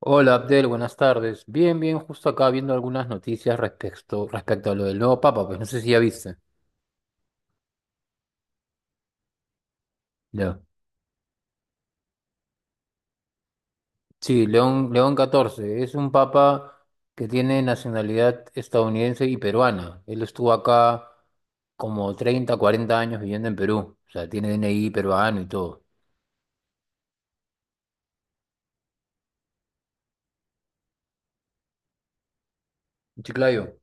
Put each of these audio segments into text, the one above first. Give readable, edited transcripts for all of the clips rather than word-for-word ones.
Hola Abdel, buenas tardes. Bien, bien, justo acá viendo algunas noticias respecto a lo del nuevo papa, pues no sé si ya viste. Ya. Sí, León catorce. Es un papa que tiene nacionalidad estadounidense y peruana. Él estuvo acá como 30, 40 años viviendo en Perú. O sea, tiene DNI peruano y todo. Chiclayo.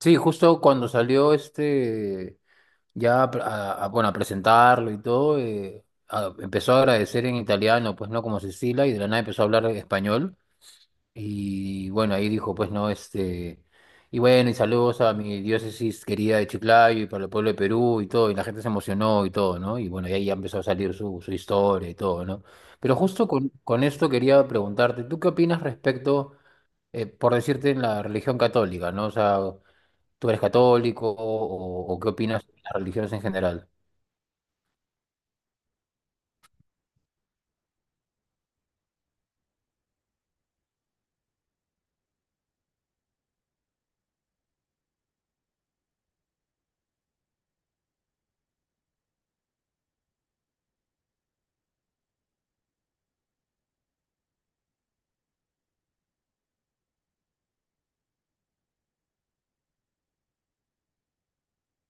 Sí, justo cuando salió este. Ya bueno, a presentarlo y todo, empezó a agradecer en italiano, pues no como Cecilia, y de la nada empezó a hablar español. Y bueno, ahí dijo, pues no, y bueno, y saludos a mi diócesis querida de Chiclayo y para el pueblo de Perú y todo, y la gente se emocionó y todo, ¿no? Y bueno, y ahí ya empezó a salir su historia y todo, ¿no? Pero justo con esto quería preguntarte, ¿tú qué opinas respecto, por decirte, en la religión católica?, ¿no? O sea, ¿tú eres católico o qué opinas de las religiones en general?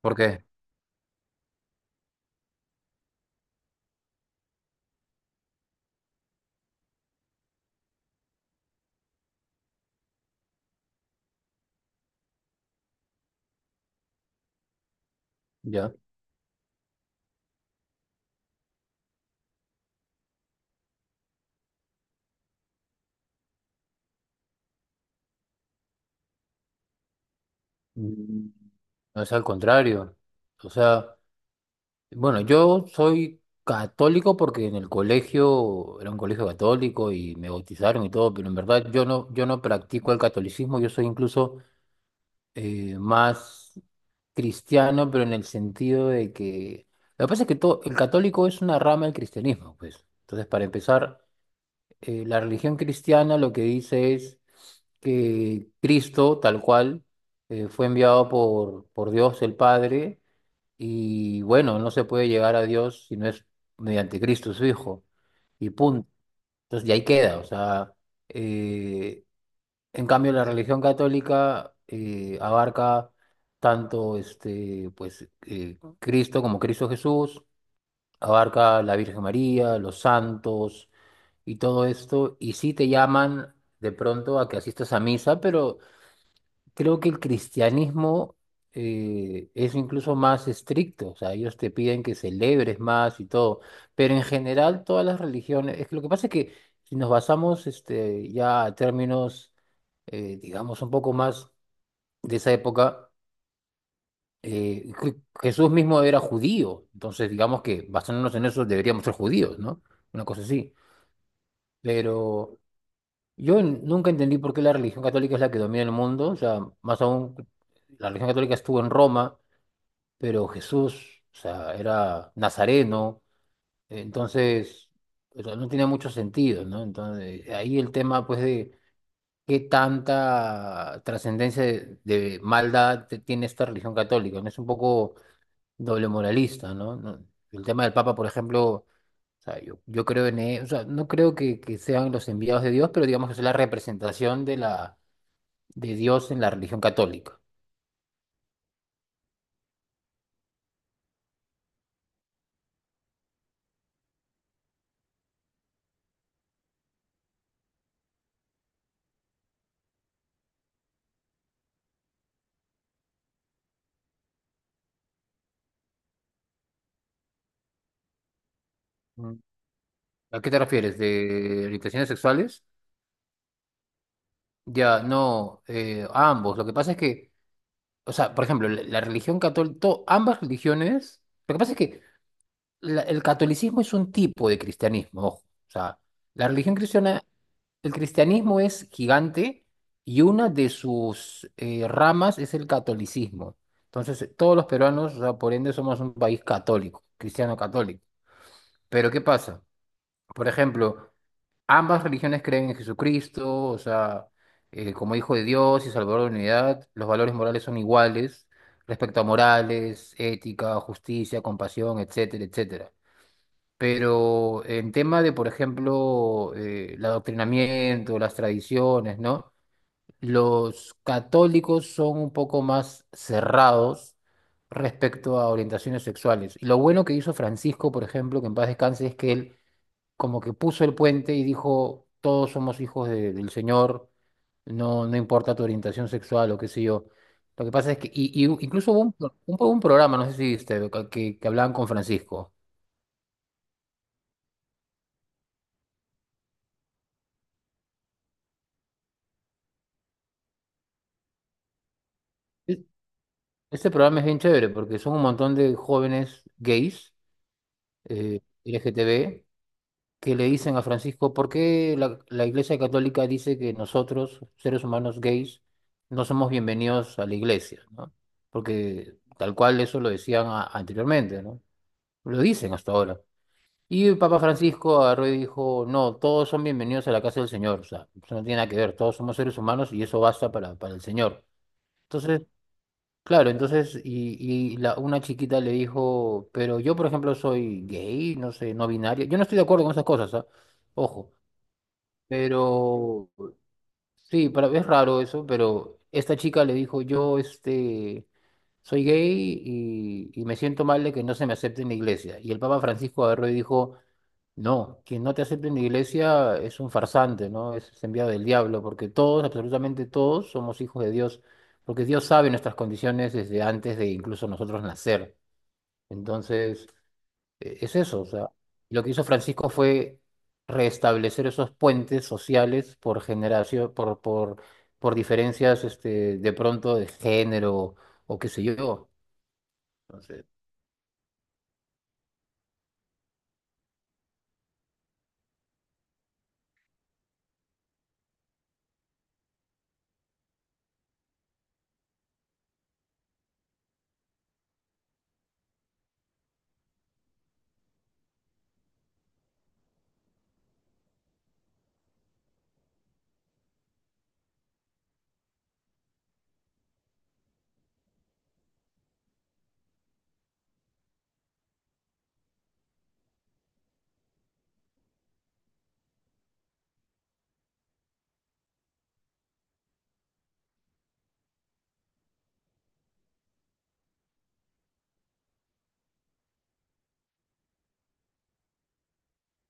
¿Por qué? Ya. Mm, No, es al contrario. O sea, bueno, yo soy católico porque en el colegio era un colegio católico y me bautizaron y todo, pero en verdad yo no practico el catolicismo, yo soy incluso más cristiano, pero en el sentido de que. Lo que pasa es que todo, el católico es una rama del cristianismo, pues. Entonces, para empezar, la religión cristiana lo que dice es que Cristo, tal cual, fue enviado por Dios el Padre, y bueno, no se puede llegar a Dios si no es mediante Cristo, su Hijo, y punto. Entonces, de ahí queda, o sea, eh, en cambio la religión católica abarca tanto pues, Cristo como Cristo Jesús, abarca la Virgen María, los santos y todo esto, y sí te llaman de pronto a que asistas a misa, pero creo que el cristianismo es incluso más estricto, o sea, ellos te piden que celebres más y todo, pero en general todas las religiones, es que lo que pasa es que si nos basamos ya a términos, digamos, un poco más de esa época, Jesús mismo era judío, entonces digamos que basándonos en eso deberíamos ser judíos, ¿no? Una cosa así, pero. Yo nunca entendí por qué la religión católica es la que domina el mundo, o sea, más aún, la religión católica estuvo en Roma, pero Jesús, o sea, era nazareno, entonces, o sea, no tenía mucho sentido, ¿no? Entonces, ahí el tema, pues, de qué tanta trascendencia de maldad tiene esta religión católica, ¿no? Es un poco doble moralista, ¿no? El tema del Papa, por ejemplo. O sea, yo creo en él, o sea, no creo que sean los enviados de Dios, pero digamos que es la representación de de Dios en la religión católica. Mm. ¿A qué te refieres? ¿De orientaciones sexuales? Ya, no, ambos. Lo que pasa es que, o sea, por ejemplo, la religión católica, ambas religiones, lo que pasa es que el catolicismo es un tipo de cristianismo, ojo. O sea, la religión cristiana, el cristianismo es gigante y una de sus ramas es el catolicismo. Entonces, todos los peruanos, o sea, por ende, somos un país católico, cristiano católico. Pero, ¿qué pasa? Por ejemplo, ambas religiones creen en Jesucristo, o sea, como Hijo de Dios y Salvador de la unidad. Los valores morales son iguales respecto a morales, ética, justicia, compasión, etcétera, etcétera. Pero en tema de, por ejemplo, el adoctrinamiento, las tradiciones, ¿no? Los católicos son un poco más cerrados respecto a orientaciones sexuales. Y lo bueno que hizo Francisco, por ejemplo, que en paz descanse, es que él como que puso el puente y dijo, todos somos hijos del Señor, no, no importa tu orientación sexual o qué sé yo. Lo que pasa es que, y incluso hubo un programa, no sé si viste, que hablaban con Francisco. E- Este programa es bien chévere porque son un montón de jóvenes gays, eh, LGTB, que le dicen a Francisco, ¿por qué la Iglesia Católica dice que nosotros, seres humanos gays, no somos bienvenidos a la iglesia?, ¿no? Porque tal cual eso lo decían anteriormente, ¿no? Lo dicen hasta ahora. Y el Papa Francisco agarró y dijo, no, todos son bienvenidos a la casa del Señor. O sea, eso no tiene nada que ver, todos somos seres humanos y eso basta para el Señor. Entonces, claro, entonces, y una chiquita le dijo, pero yo, por ejemplo, soy gay, no sé, no binario. Yo no estoy de acuerdo con esas cosas, ¿ah? Ojo. Pero sí, para, es raro eso, pero esta chica le dijo, yo, soy gay y me siento mal de que no se me acepte en la iglesia. Y el Papa Francisco agarró y dijo, no, quien no te acepte en la iglesia es un farsante, ¿no? Es enviado del diablo, porque todos, absolutamente todos, somos hijos de Dios, porque Dios sabe nuestras condiciones desde antes de incluso nosotros nacer. Entonces, es eso, o sea, lo que hizo Francisco fue restablecer esos puentes sociales por generación, por diferencias, de pronto de género o qué sé yo. Entonces.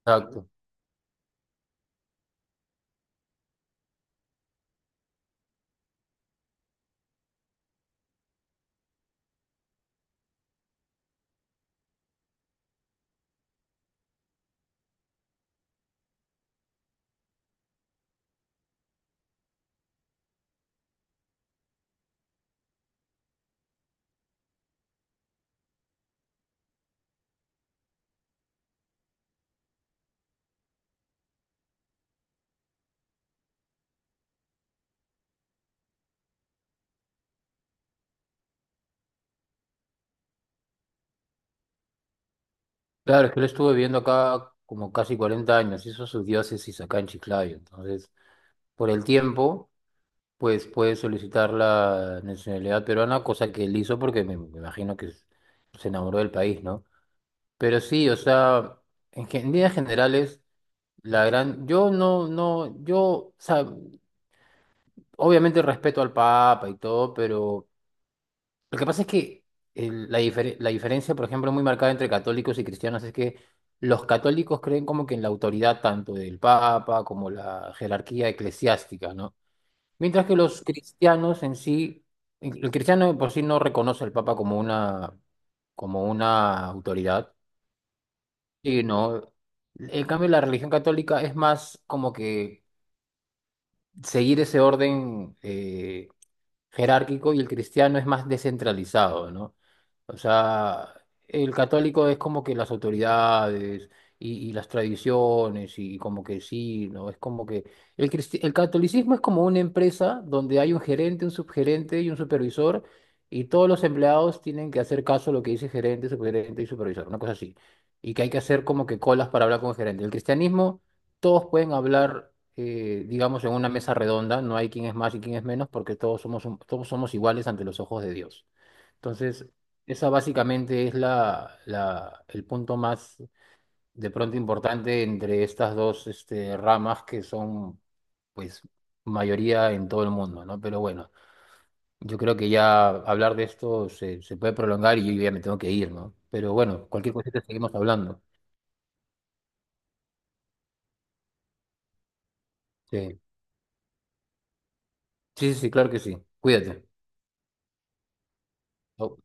Exacto. Claro, es que él estuvo viviendo acá como casi 40 años, hizo su diócesis acá en Chiclayo. Entonces, por el tiempo, pues puede solicitar la nacionalidad peruana, cosa que él hizo porque me imagino que se enamoró del país, ¿no? Pero sí, o sea, en, en líneas generales, la gran. Yo no, no, yo, o sea, obviamente respeto al Papa y todo, pero. Lo que pasa es que la diferencia, por ejemplo, muy marcada entre católicos y cristianos es que los católicos creen como que en la autoridad tanto del Papa como la jerarquía eclesiástica, ¿no? Mientras que los cristianos en sí, el cristiano de por sí no reconoce al Papa como una autoridad, sino, en cambio, la religión católica es más como que seguir ese orden jerárquico, y el cristiano es más descentralizado, ¿no? O sea, el católico es como que las autoridades y las tradiciones y, como que sí, ¿no? Es como que el catolicismo es como una empresa donde hay un gerente, un subgerente y un supervisor, y todos los empleados tienen que hacer caso a lo que dice gerente, subgerente y supervisor, una cosa así. Y que hay que hacer como que colas para hablar con el gerente. El cristianismo todos pueden hablar, digamos, en una mesa redonda, no hay quien es más y quien es menos, porque todos somos iguales ante los ojos de Dios. Entonces, esa básicamente es la, el punto más de pronto importante entre estas dos, ramas que son, pues, mayoría en todo el mundo, ¿no? Pero bueno, yo creo que ya hablar de esto se, se puede prolongar y yo ya me tengo que ir, ¿no? Pero bueno, cualquier cosita seguimos hablando. Sí, sí, sí, sí, claro que sí. Cuídate. Chau.